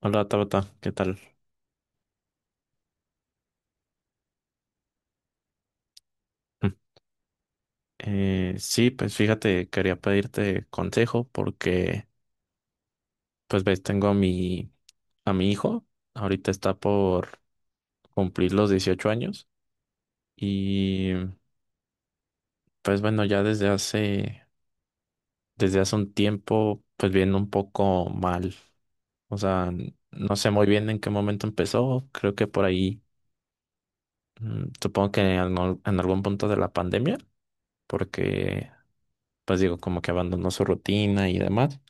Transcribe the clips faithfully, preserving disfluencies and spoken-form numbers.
Hola Tabata, ¿qué tal? Mm. Eh, sí, pues fíjate, quería pedirte consejo porque, pues ves, tengo a mi, a mi hijo, ahorita está por cumplir los dieciocho años. Y pues bueno, ya desde hace, desde hace un tiempo, pues viene un poco mal. O sea, n- no sé muy bien en qué momento empezó, creo que por ahí, mm, supongo que en, al- en algún punto de la pandemia, porque, pues digo, como que abandonó su rutina y demás.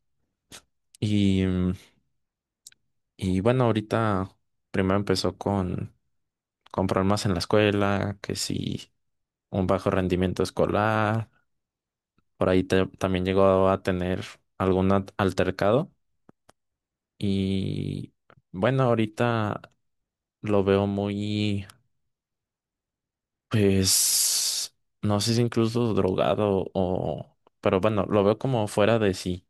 Y, y bueno, ahorita primero empezó con, con problemas en la escuela, que sí, un bajo rendimiento escolar. Por ahí te- también llegó a tener algún at- altercado. Y bueno, ahorita lo veo muy, pues, no sé si incluso drogado o, pero bueno, lo veo como fuera de sí.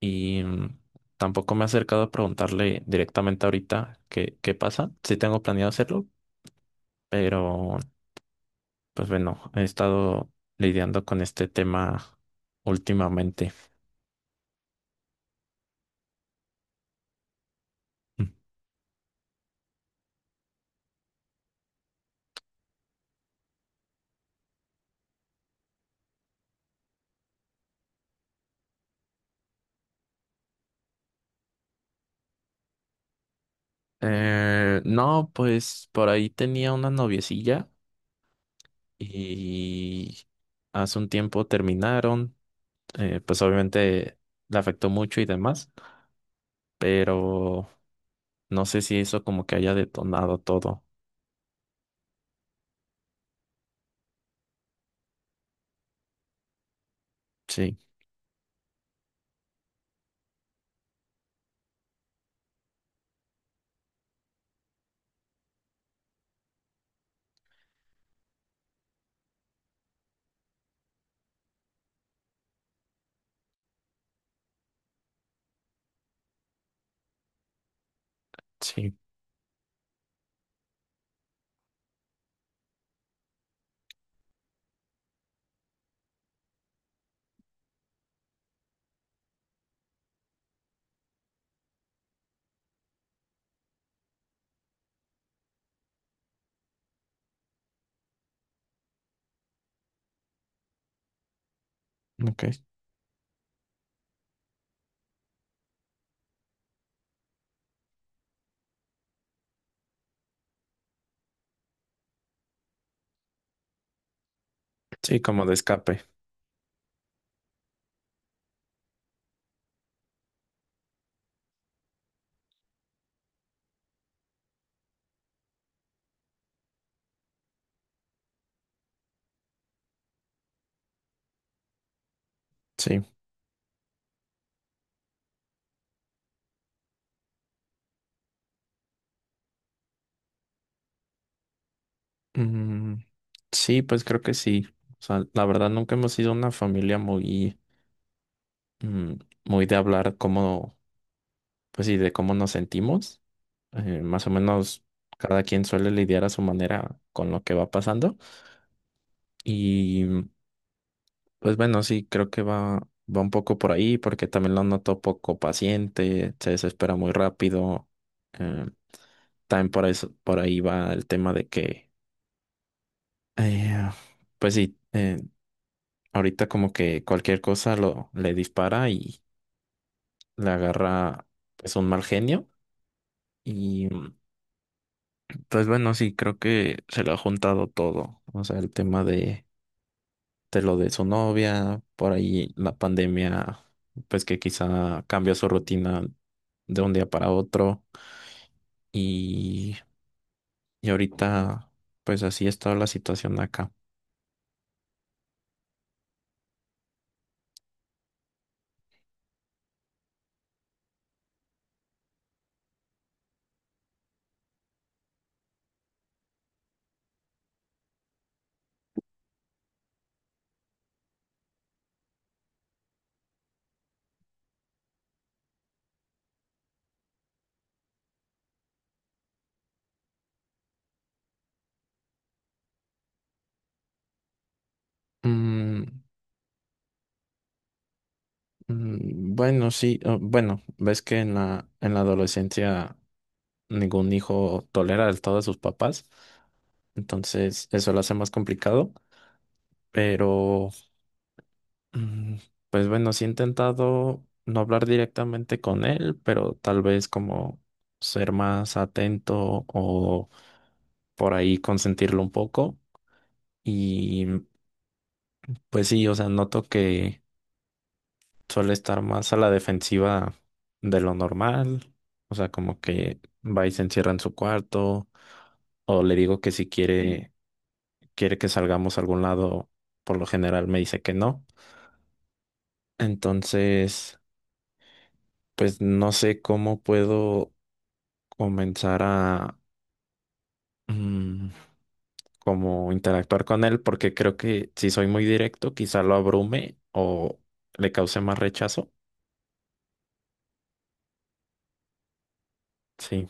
Y mm, tampoco me he acercado a preguntarle directamente ahorita qué, qué pasa. Sí tengo planeado hacerlo. Pero, pues bueno, he estado lidiando con este tema últimamente. Mm. Eh, no, pues por ahí tenía una noviecilla y hace un tiempo terminaron. Eh, pues obviamente le afectó mucho y demás, pero no sé si eso como que haya detonado todo. Sí, sí, ok. Sí, como de escape. Sí. Mm, sí, pues creo que sí. O sea, la verdad nunca hemos sido una familia muy mm, muy de hablar cómo, pues sí, de cómo nos sentimos. Eh, más o menos cada quien suele lidiar a su manera con lo que va pasando. Y mm, pues bueno, sí, creo que va, va un poco por ahí porque también lo noto poco paciente, se desespera muy rápido. Eh, También por eso, por ahí va el tema de que, eh, pues sí, eh, ahorita como que cualquier cosa lo, le dispara y le agarra pues un mal genio. Y mm, pues bueno, sí, creo que se le ha juntado todo. O sea, el tema de, de lo de su novia, por ahí la pandemia, pues que quizá cambia su rutina de un día para otro. Y, y ahorita, pues así está la situación acá. Mm, mm, bueno, sí, oh, bueno, ves que en la, en la adolescencia ningún hijo tolera del todo a sus papás. Entonces, eso lo hace más complicado. Pero. Mm. Pues bueno, sí he intentado no hablar directamente con él, pero tal vez como ser más atento o por ahí consentirlo un poco. Y pues sí, o sea, noto que suele estar más a la defensiva de lo normal. O sea, como que va y se encierra en su cuarto, o le digo que si quiere, quiere que salgamos a algún lado, por lo general me dice que no. Entonces, pues no sé cómo puedo comenzar a mm, como interactuar con él, porque creo que si soy muy directo, quizá lo abrume o le cause más rechazo. Sí,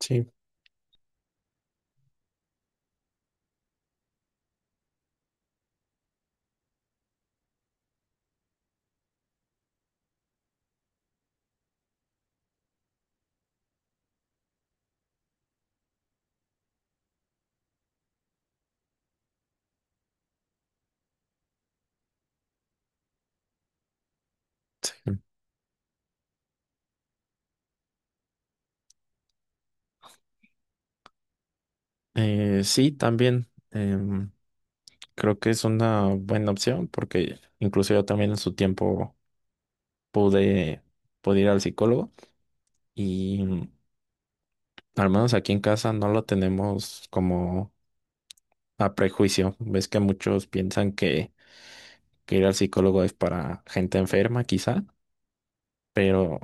sí, sí. Eh, sí, también em, creo que es una buena opción, porque incluso yo también en su tiempo pude, pude ir al psicólogo. Y mm, al menos aquí en casa no lo tenemos como a prejuicio. Ves que muchos piensan que, que ir al psicólogo es para gente enferma, quizá. Pero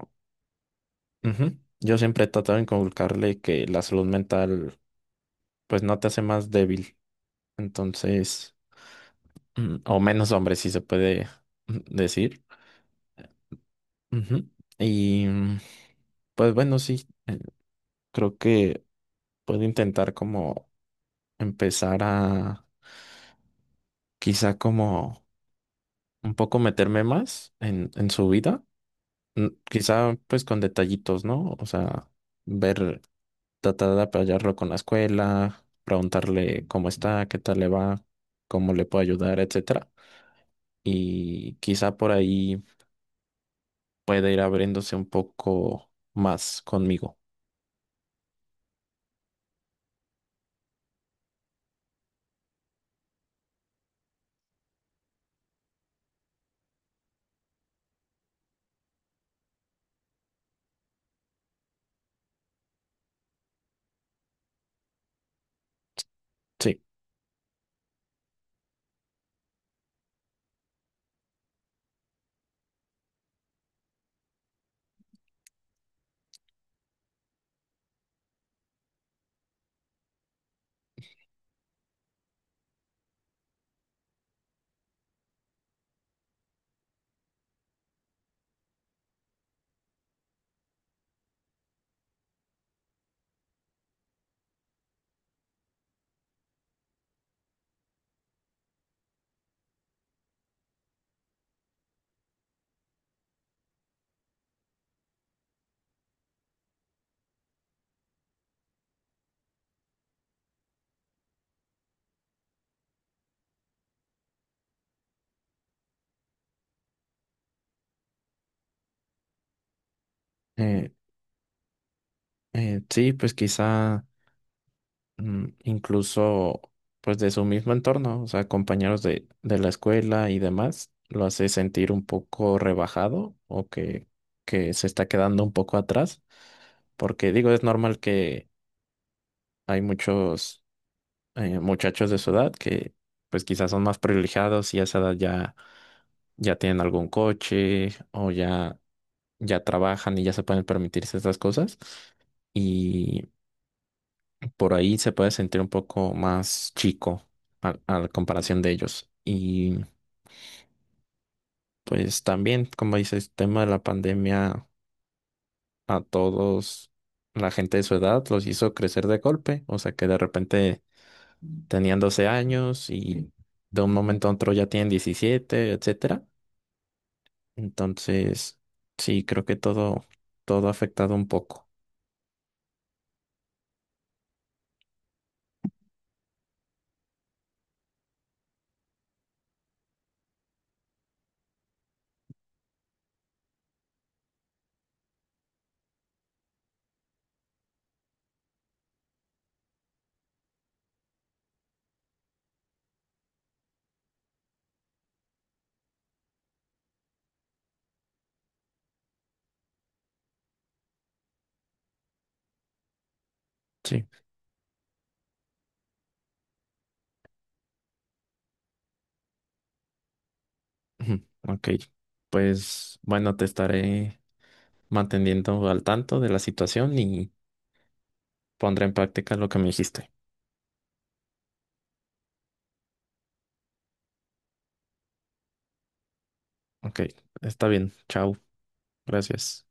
ujú, yo siempre he tratado de inculcarle que la salud mental pues no te hace más débil. Entonces, mm, o menos hombre, si se puede mm, decir. Ujú. Y mm, pues bueno, sí, eh, creo que puedo intentar como empezar a quizá como un poco meterme más en, en su vida. Mm, quizá pues con detallitos, ¿no? O sea, ver, tratar de apoyarlo con la escuela, preguntarle cómo está, qué tal le va, cómo le puedo ayudar, etcétera. Y quizá por ahí pueda ir abriéndose un poco más conmigo. Sí, eh, eh, sí, pues quizá mm, incluso pues de su mismo entorno, o sea, compañeros de, de la escuela y demás, lo hace sentir un poco rebajado o que, que se está quedando un poco atrás, porque digo, es normal que hay muchos eh, muchachos de su edad que pues quizás son más privilegiados y a esa edad ya, ya tienen algún coche o ya, ya trabajan y ya se pueden permitirse estas cosas. Y por ahí se puede sentir un poco más chico a a la comparación de ellos. Y pues también, como dices, el tema de la pandemia a todos, la gente de su edad los hizo crecer de golpe. O sea que de repente tenían doce años y de un momento a otro ya tienen diecisiete, etcétera. Entonces, sí, creo que todo, todo ha afectado un poco. Sí. Ujú. Ok. Pues bueno, te estaré manteniendo al tanto de la situación y pondré en práctica lo que me dijiste. Ok, está bien. Chao. Gracias.